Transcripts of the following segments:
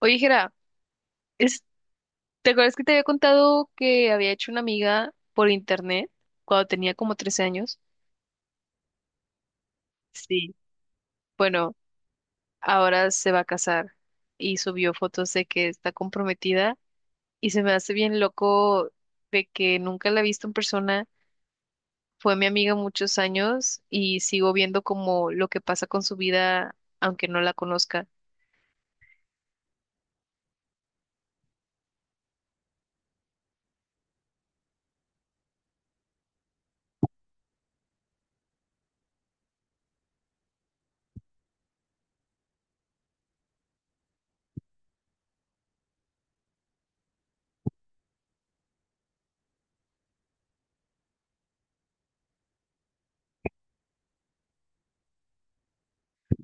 Oye, Jera, es- ¿te acuerdas que te había contado que había hecho una amiga por internet cuando tenía como 13 años? Sí. Bueno, ahora se va a casar y subió fotos de que está comprometida y se me hace bien loco de que nunca la he visto en persona. Fue mi amiga muchos años y sigo viendo como lo que pasa con su vida aunque no la conozca.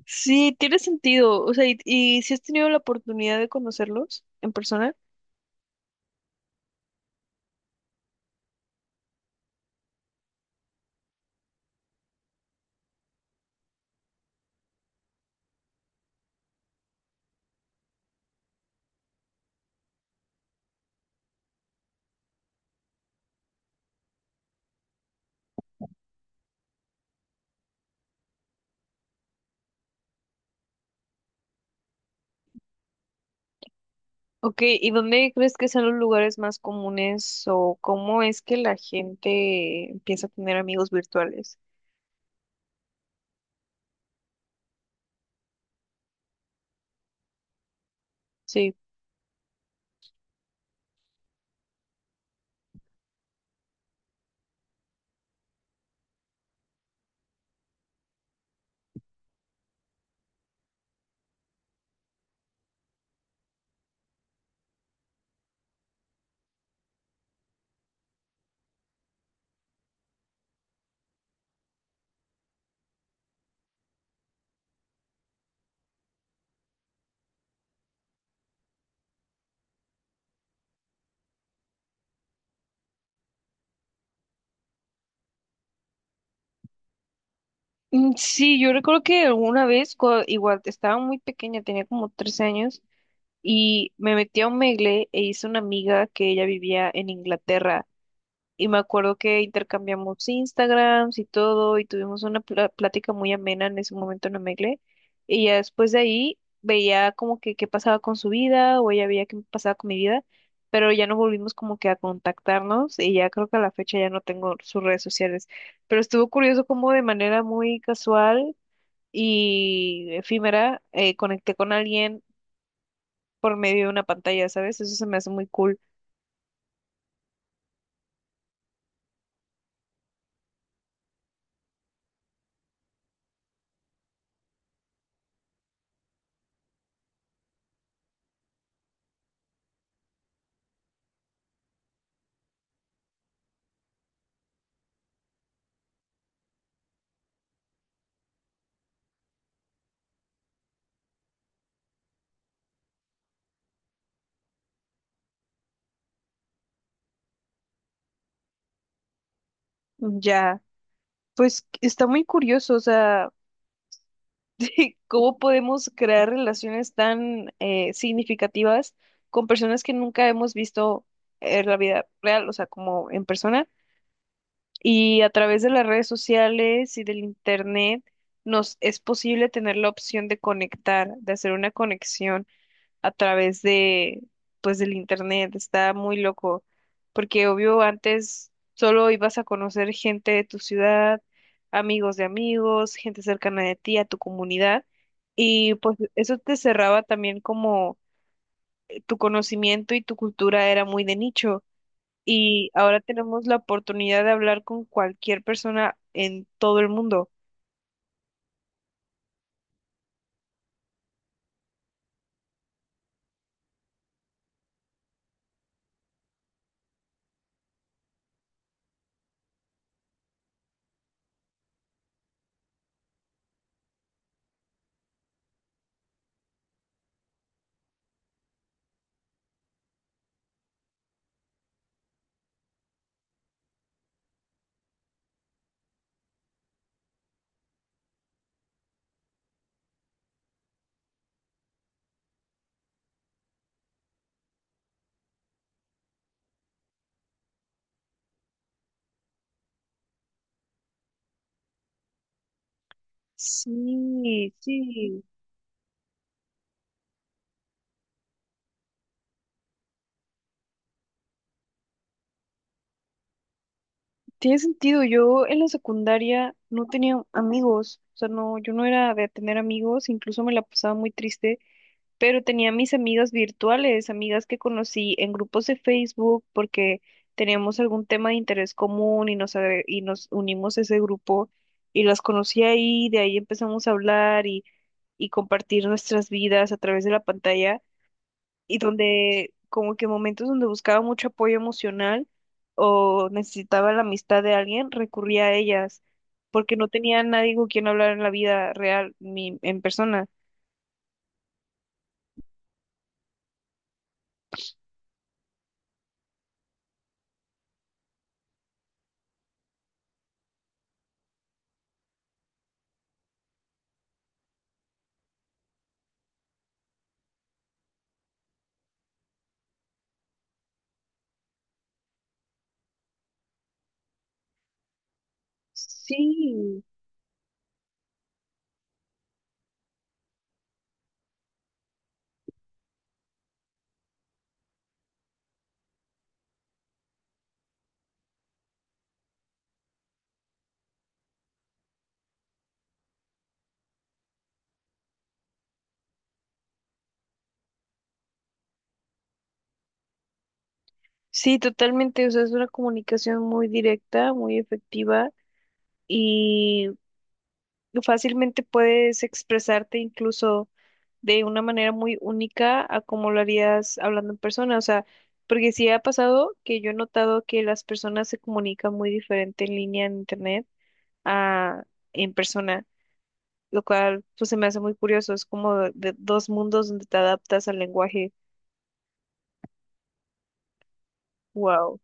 Sí, tiene sentido. O sea, ¿y si has tenido la oportunidad de conocerlos en persona? Ok, ¿y dónde crees que son los lugares más comunes o cómo es que la gente empieza a tener amigos virtuales? Sí. Mm, sí, yo recuerdo que alguna vez, igual estaba muy pequeña, tenía como 13 años, y me metí a un Megle e hice una amiga que ella vivía en Inglaterra. Y me acuerdo que intercambiamos Instagrams y todo, y tuvimos una plática muy amena en ese momento en Omegle. Y ya después de ahí veía como que qué pasaba con su vida, o ella veía qué pasaba con mi vida, pero ya no volvimos como que a contactarnos, y ya creo que a la fecha ya no tengo sus redes sociales. Pero estuvo curioso como de manera muy casual y efímera, conecté con alguien por medio de una pantalla, ¿sabes? Eso se me hace muy cool. Ya, pues está muy curioso, o sea. ¿Cómo podemos crear relaciones tan significativas con personas que nunca hemos visto en la vida real, o sea, como en persona? Y a través de las redes sociales y del internet nos es posible tener la opción de conectar, de hacer una conexión a través de, pues, del internet. Está muy loco, porque obvio antes solo ibas a conocer gente de tu ciudad, amigos de amigos, gente cercana de ti, a tu comunidad, y pues eso te cerraba también como tu conocimiento y tu cultura era muy de nicho. Y ahora tenemos la oportunidad de hablar con cualquier persona en todo el mundo. Sí, sí. Tiene sentido, yo en la secundaria no tenía amigos, o sea, no, yo no era de tener amigos, incluso me la pasaba muy triste, pero tenía mis amigas virtuales, amigas que conocí en grupos de Facebook porque teníamos algún tema de interés común y y nos unimos a ese grupo y las conocí ahí, de ahí empezamos a hablar y compartir nuestras vidas a través de la pantalla y donde como que momentos donde buscaba mucho apoyo emocional o necesitaba la amistad de alguien, recurría a ellas, porque no tenía nadie con quien hablar en la vida real, ni en persona. Sí, sí, totalmente, o sea, es una comunicación muy directa, muy efectiva. Y fácilmente puedes expresarte incluso de una manera muy única a como lo harías hablando en persona. O sea, porque sí ha pasado que yo he notado que las personas se comunican muy diferente en línea en internet a en persona, lo cual pues se me hace muy curioso. Es como de dos mundos donde te adaptas al lenguaje. Wow.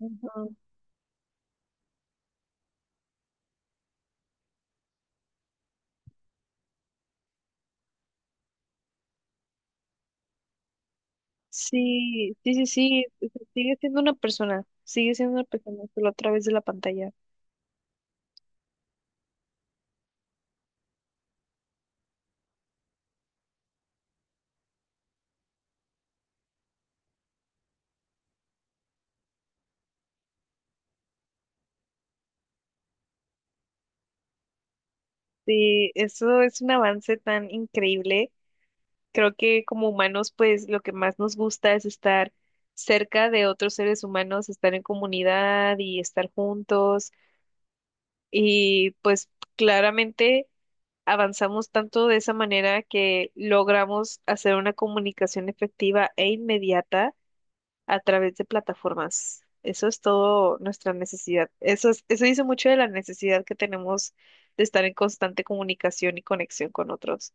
Ujú. Sí, sí, sí, sí, o sea, sigue siendo una persona, sigue siendo una persona, solo a través de la pantalla. Sí, eso es un avance tan increíble. Creo que como humanos, pues lo que más nos gusta es estar cerca de otros seres humanos, estar en comunidad y estar juntos. Y pues claramente avanzamos tanto de esa manera que logramos hacer una comunicación efectiva e inmediata a través de plataformas. Eso es todo nuestra necesidad. Eso es, eso dice mucho de la necesidad que tenemos de estar en constante comunicación y conexión con otros.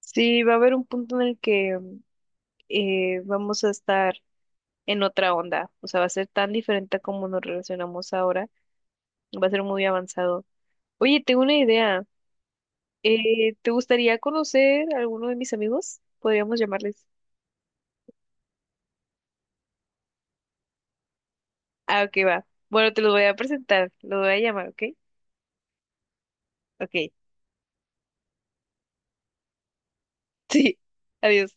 Sí, va a haber un punto en el que vamos a estar en otra onda, o sea, va a ser tan diferente a como nos relacionamos ahora, va a ser muy avanzado. Oye, tengo una idea, ¿te gustaría conocer a alguno de mis amigos? Podríamos llamarles. Ah, ok, va. Bueno, te los voy a presentar, los voy a llamar, ¿ok? Ok, sí, adiós.